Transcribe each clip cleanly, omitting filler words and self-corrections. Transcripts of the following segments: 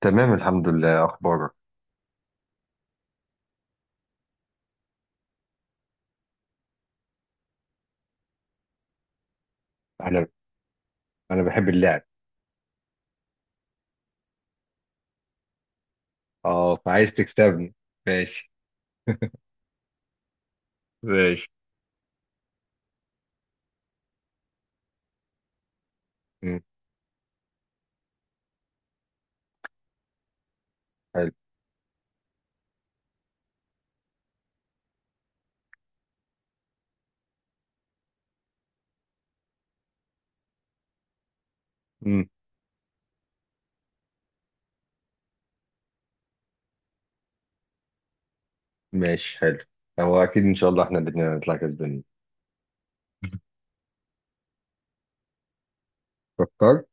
تمام الحمد لله، اخبارك. انا انا بحب اللعب. اه، فعايز تكسبني. ماشي ماشي. مم. حلو. مم. ماشي حلو. هو اكيد ان شاء الله احنا الاثنين هنطلع كسبانين. فكرت.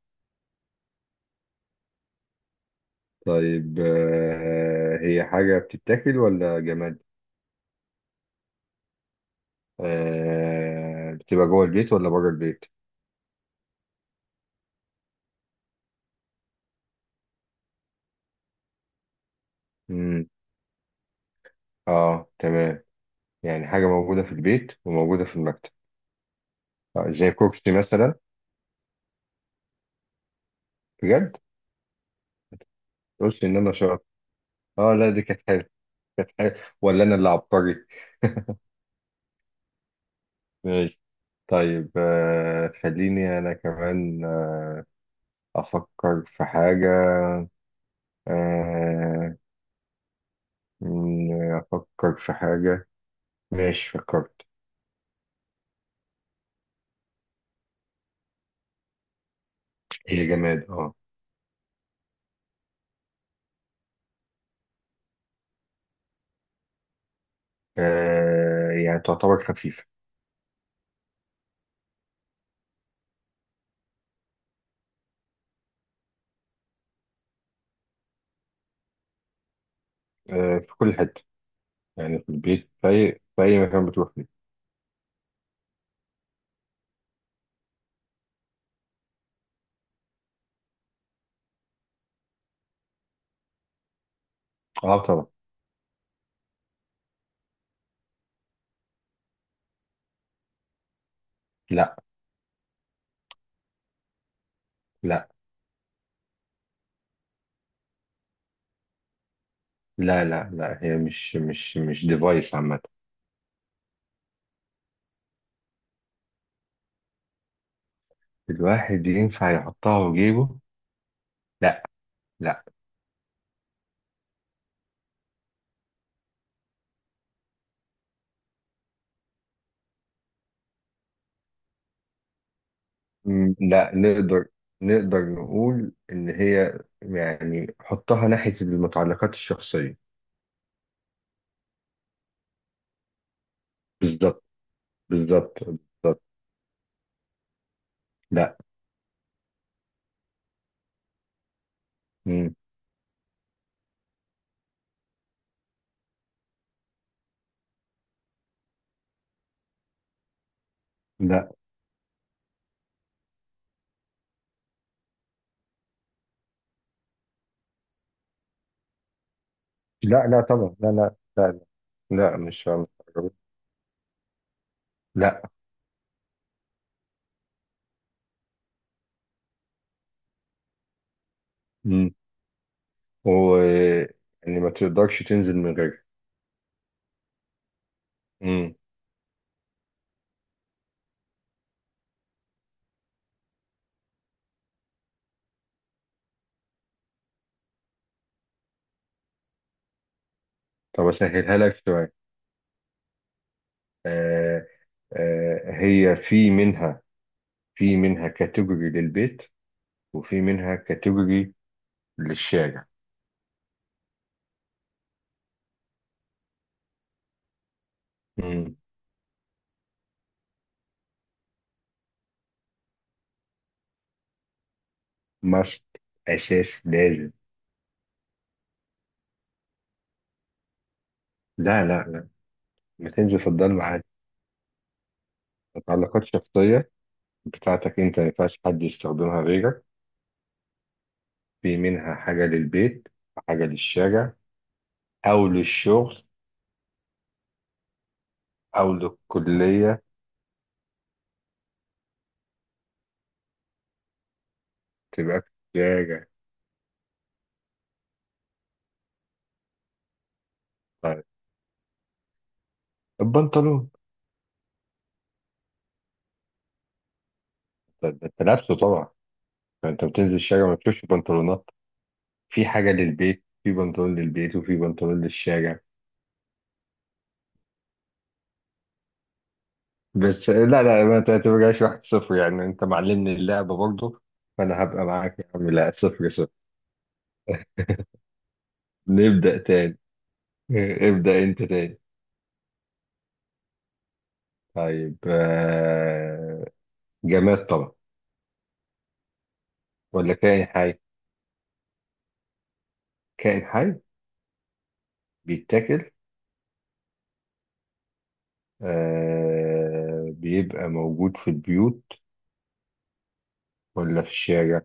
طيب آه، هي حاجه بتتاكل ولا جماد؟ آه، بتبقى جوه البيت ولا بره البيت؟ مم. اه تمام، يعني حاجه موجوده في البيت وموجوده في المكتب. آه، زي كرسي مثلا. بجد، قلت ان انا شاطر. اه لا، دي كانت حلوه، كانت حلوه. ولا انا اللي عبقري؟ ماشي. طيب خليني أنا كمان أفكر في حاجة. آه، أفكر في حاجة. ماشي فكرت. هي جماد اه. آه، يعني تعتبر خفيفة. آه، في كل حتة، يعني في البيت، في أي مكان بتروح فيه. اه طبعا. لا لا لا لا لا، هي مش ديفايس عامة. الواحد ينفع يحطها في جيبه؟ لا لا. مم، لا نقدر. نقدر نقول إن هي، يعني حطها ناحية المتعلقات الشخصية. بالظبط، بالظبط بالظبط. لا. مم، لا لا طبعا، لا. لا، مش قربت. لا. مم. و، يعني ما تقدرش تنزل من غيرها. مم. طب أسهلها لك شوية. آه آه، هي في منها، في منها كاتيجوري للبيت، وفي منها كاتيجوري للشارع. مم. must، أساس، لازم. لا، ما تنزل في الضلمة عادي. متعلقات شخصية بتاعتك أنت، ما ينفعش حد يستخدمها غيرك. في منها حاجة للبيت، حاجة للشارع، أو للشغل، أو للكلية. تبقى في الشارع. طيب البنطلون. ده أنت لابسه طبعا، فأنت بتنزل الشارع ما بتشوفش بنطلونات. في حاجة للبيت، في بنطلون للبيت وفي بنطلون للشارع. بس لا لا، ما تعتبرهاش واحد صفر يعني، أنت معلمني اللعبة برضه، فأنا هبقى معاك يا عم لا، صفر صفر. نبدأ تاني. إيه، ابدأ انت تاني. طيب جماد طبعا، ولا كائن حي؟ كائن حي. بيتاكل؟ آه، بيبقى موجود في البيوت ولا في الشارع؟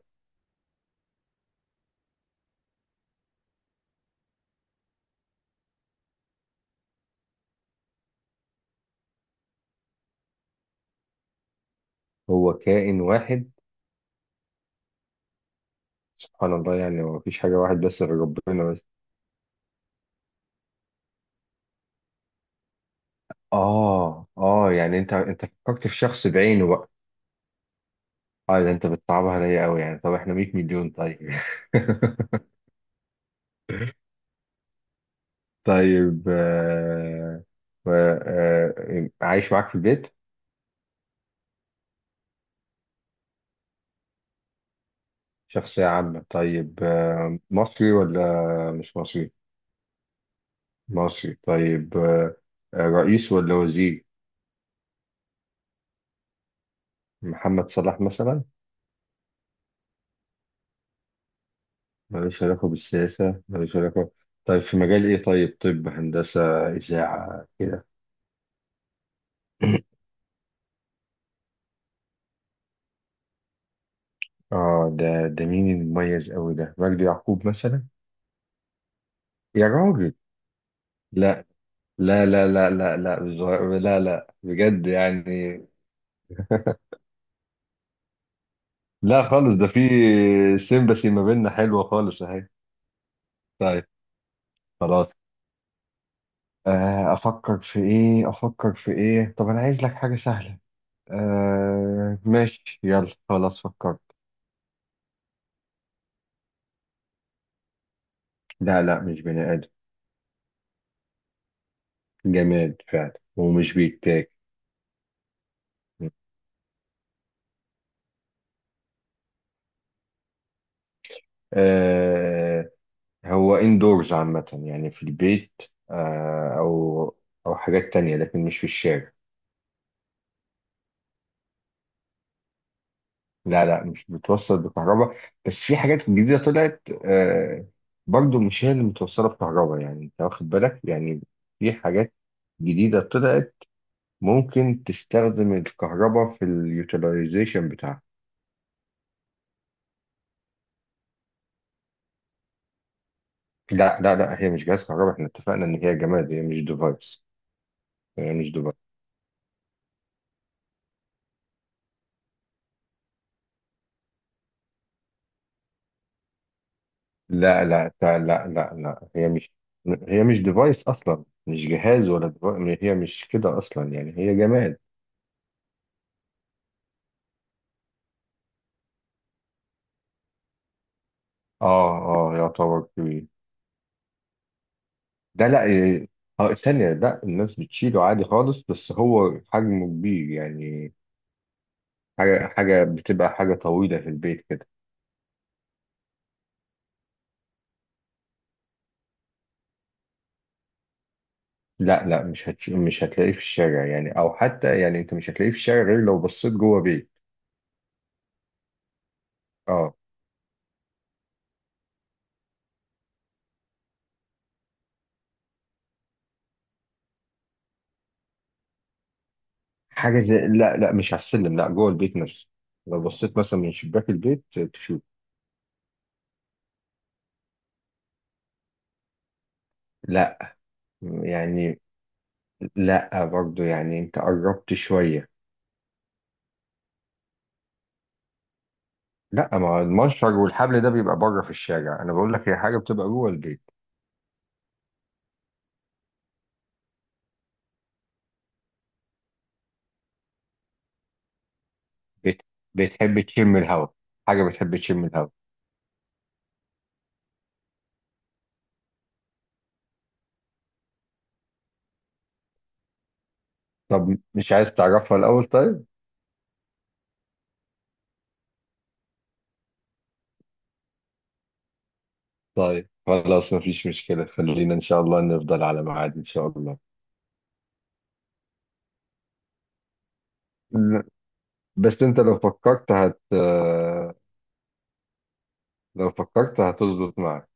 هو كائن واحد؟ سبحان الله، يعني هو مفيش حاجة واحد بس غير ربنا بس. اه اه، يعني انت فكرت في شخص بعينه بقى. اه، ده انت بتصعبها عليا قوي يعني، طب احنا 100 مليون طيب. طيب و- عايش معاك في البيت؟ شخصية عامة. طيب آه، مصري ولا مش مصري؟ مصري طيب. آه، آه، رئيس ولا وزير؟ محمد صلاح مثلا؟ ملوش علاقة بالسياسة، ملوش علاقة. طيب في مجال إيه طيب؟ طب هندسة، إذاعة كده. آه، ده مين المميز أوي ده؟ مجدي يعقوب مثلا؟ يا راجل. لا لا لا لا لا لا بز- لا لا بجد يعني. لا خالص، ده في سيمباسي ما بيننا حلوة خالص أهي. طيب خلاص. آه، افكر في ايه، افكر في ايه، طب انا عايز لك حاجة سهلة. آه ماشي يلا خلاص فكرت. لا لا، مش بني ادم. جماد فعلا، ومش بيتاكل. آه هو اندورز عامة يعني في البيت، آه او او حاجات تانية، لكن مش في الشارع. لا لا، مش بتوصل بكهرباء. بس في حاجات جديدة طلعت آه، برضو مش هي اللي متوصلة بكهرباء يعني، انت واخد بالك يعني. في حاجات جديدة طلعت، ممكن تستخدم الكهرباء في اليوتيلايزيشن بتاعها. لا، هي مش جهاز كهرباء، احنا اتفقنا ان هي جماد، هي مش ديفايس. هي مش ديفايس. لا، هي مش ديفايس اصلا، مش جهاز ولا ديفايس، هي مش كده اصلا يعني، هي جماد. اه. اه يعتبر كبير. ده لا اه ثانية، لا الناس بتشيله عادي خالص، بس هو حجمه كبير يعني. حاجة بتبقى حاجة طويلة في البيت كده. لا لا، مش هتلاقيه في الشارع يعني، او حتى يعني انت مش هتلاقيه في الشارع غير لو بصيت جوه بيت. اه. حاجه زي، لا لا، مش على السلم، لا جوه البيت نفسه. لو بصيت مثلا من شباك البيت تشوف. لا يعني. لا برضو يعني، انت قربت شويه. لا، ما هو المنشر والحبل ده بيبقى بره في الشارع، انا بقول لك هي حاجه بتبقى جوه البيت. بت... بتحب تشم الهواء. حاجه بتحب تشم الهواء. طب مش عايز تعرفها الاول طيب؟ طيب خلاص، مفيش مشكلة، خلينا إن شاء الله نفضل على ميعاد إن شاء الله. لا، بس أنت لو فكرت هت، لو فكرت هتظبط معك.